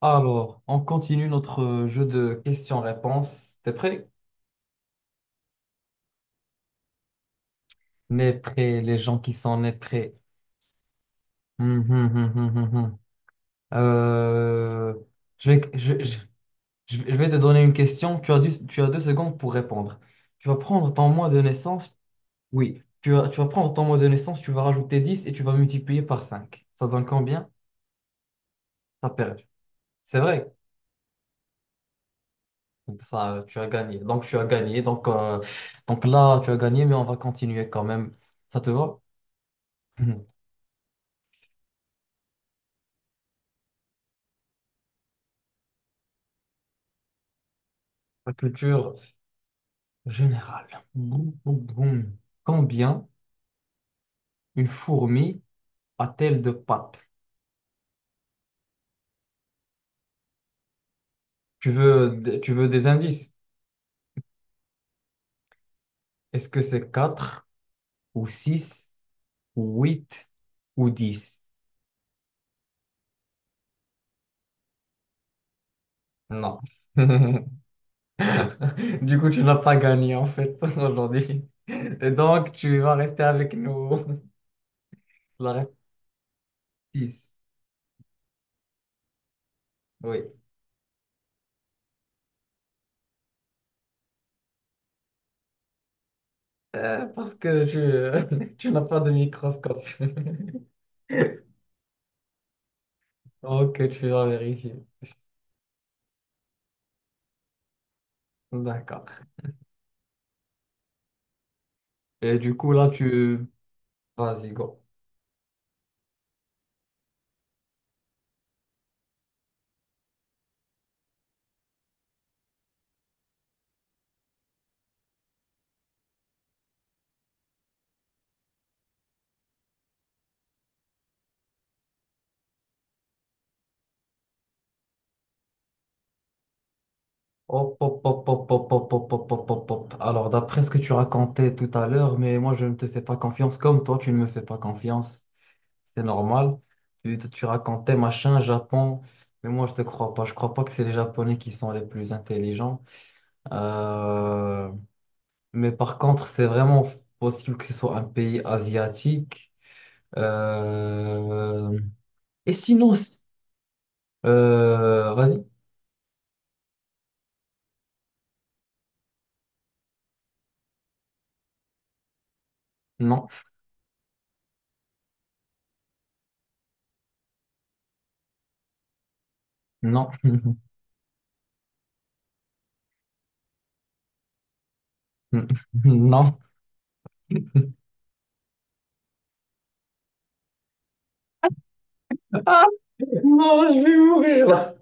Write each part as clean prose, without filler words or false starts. Alors, on continue notre jeu de questions-réponses. T'es prêt? N'est prêt, les gens qui sont nés prêts. Hum, hum, hum, hum, hum, hum. Euh, je vais, je, je- je vais te donner une question. Tu as deux secondes pour répondre. Tu vas prendre ton mois de naissance. Oui. Tu vas prendre ton mois de naissance, tu vas rajouter 10 et tu vas multiplier par 5. Ça donne combien? T'as perdu. C'est vrai. Ça, tu as gagné. Donc, tu as gagné. Donc là, tu as gagné, mais on va continuer quand même. Ça te va? La culture générale. Boum, boum, boum. Combien une fourmi a-t-elle de pattes? Tu veux des indices? Est-ce que c'est 4 ou 6 ou 8 ou dix? Non. Du coup, tu n'as pas gagné en fait aujourd'hui. Et donc, tu vas rester avec nous. La réponse 6. Oui. Parce que tu, tu n'as pas de microscope. Ok, tu vas vérifier. D'accord. Et du coup, là, tu... Vas-y, go. Hop, hop, hop, hop, hop, hop, hop, hop, hop, hop, hop. Alors, d'après ce que tu racontais tout à l'heure, mais moi, je ne te fais pas confiance comme toi, tu ne me fais pas confiance. C'est normal. Tu racontais machin, Japon, mais moi, je te crois pas. Je crois pas que c'est les Japonais qui sont les plus intelligents. Euh, Mais par contre, c'est vraiment possible que ce soit un pays asiatique. Euh, Et sinon, c- vas-y. Non, non. Mm. Non. Non, je vais mourir là.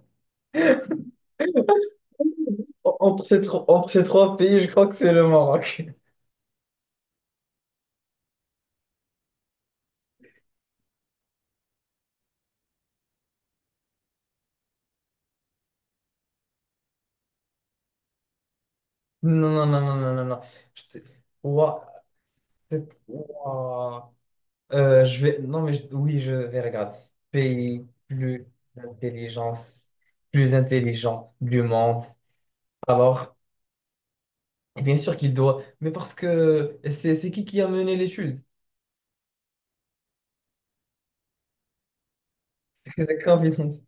Non, non, non, non, non, non, non. Je te- Ouah, ouah. Je vais. Non, mais je- oui, je vais regarder. Pays plus intelligence, plus intelligent du monde. Alors, et bien sûr qu'il doit. Mais parce que c'est qui a mené l'étude? C'est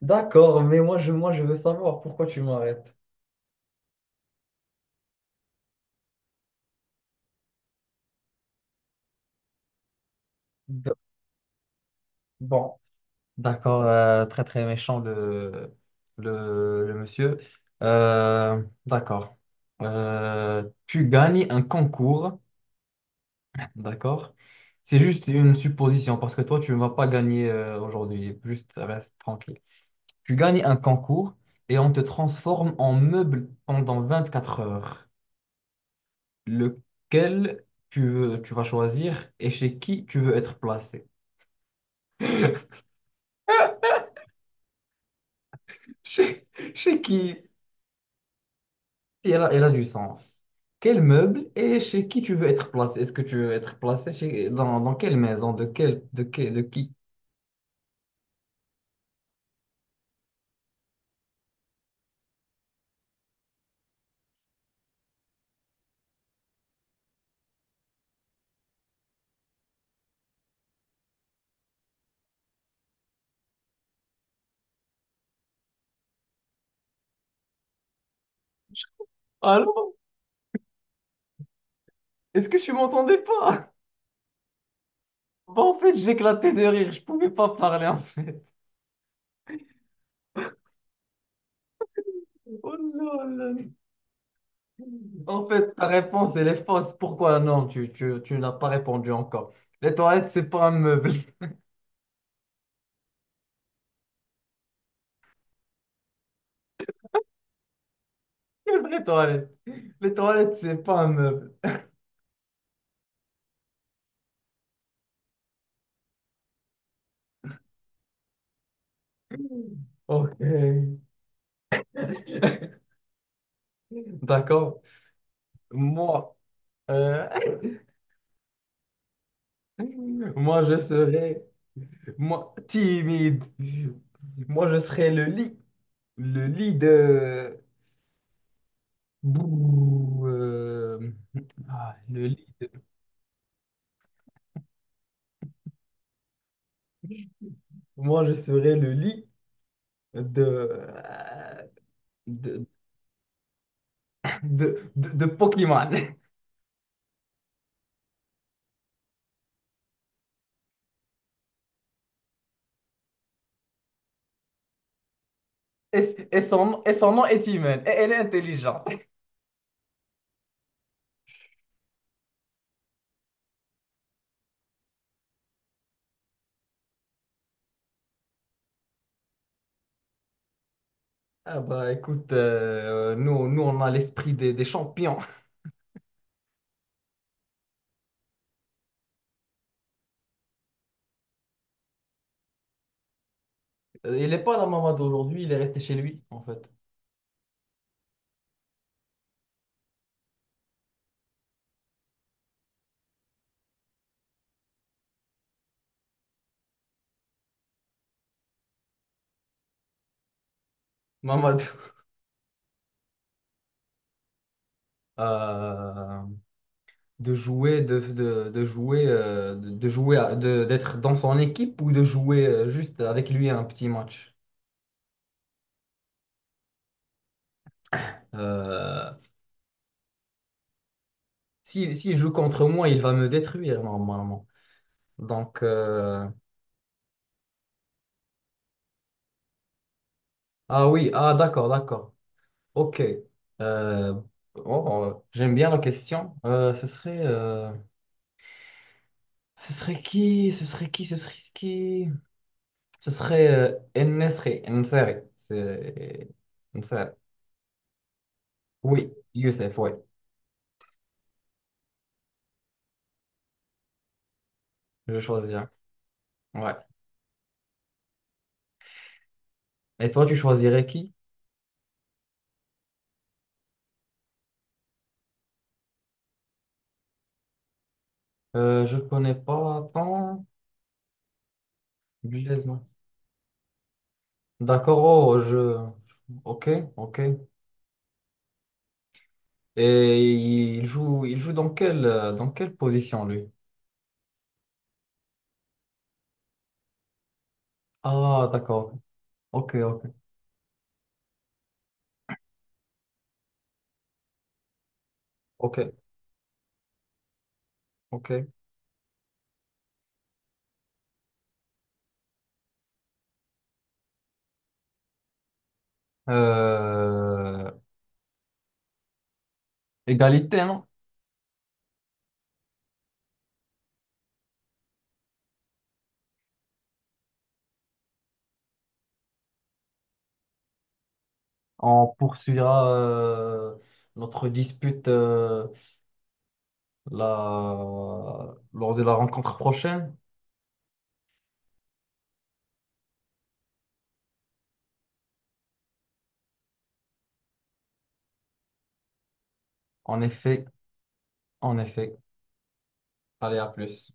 d'accord, mais moi, je veux savoir pourquoi tu m'arrêtes. D- Bon. D'accord, très très méchant le monsieur. D'accord. Tu gagnes un concours, d'accord. C'est juste une supposition parce que toi, tu ne vas pas gagner aujourd'hui. Juste reste tranquille. Tu gagnes un concours et on te transforme en meuble pendant 24 heures. Lequel tu vas choisir et chez qui tu veux être placé? Chez, chez qui? Si elle a, Elle a du sens. Quel meuble et chez qui tu veux être placé? Est-ce que tu veux être placé dans quelle maison? De qui? Allô? Est-ce que tu m'entendais pas? Bah, en fait, j'éclatais de rire. Je pouvais pas parler, en fait. Oh là là. En fait, ta réponse, elle est fausse. Pourquoi non? Tu n'as pas répondu encore. Les toilettes, c'est pas un meuble. Les vraies toilettes. Les toilettes, c'est pas un meuble. Ok. D'accord. Moi. euh, Moi, je serais, moi, timide. Moi, je serais le lit de... Bouh, euh, ah, le lit de- Moi, je serais le lit de... De, de Pokémon. Et, et son nom est humain. Et elle est intelligente. Ah bah écoute, nous on a l'esprit des champions. Il n'est pas dans Mamadou aujourd'hui, il est resté chez lui en fait. Mamadou. Euh, de jouer, à- de- d'être dans son équipe ou de jouer juste avec lui un petit match. Euh, Si s'il joue contre moi, il va me détruire normalement. Donc, euh, ah oui, ah d'accord, d'accord. Ok. Euh, oh, J'aime bien la question. Ce serait qui? Ce serait qui? Ce serait qui? Ce serait El Nseri. C'est El Nseri. Oui, Youssef, oui. Je choisis. Ouais. Et toi, tu choisirais qui? Je connais pas tant Blaise, non. D'accord, oh, je... Ok, ok. Et il joue dans dans quelle position, lui? Ah, d'accord. Ok, ok, ok, ok. Euh, Égalité, non? On poursuivra notre dispute la... lors de la rencontre prochaine. En effet, en effet. Allez, à plus.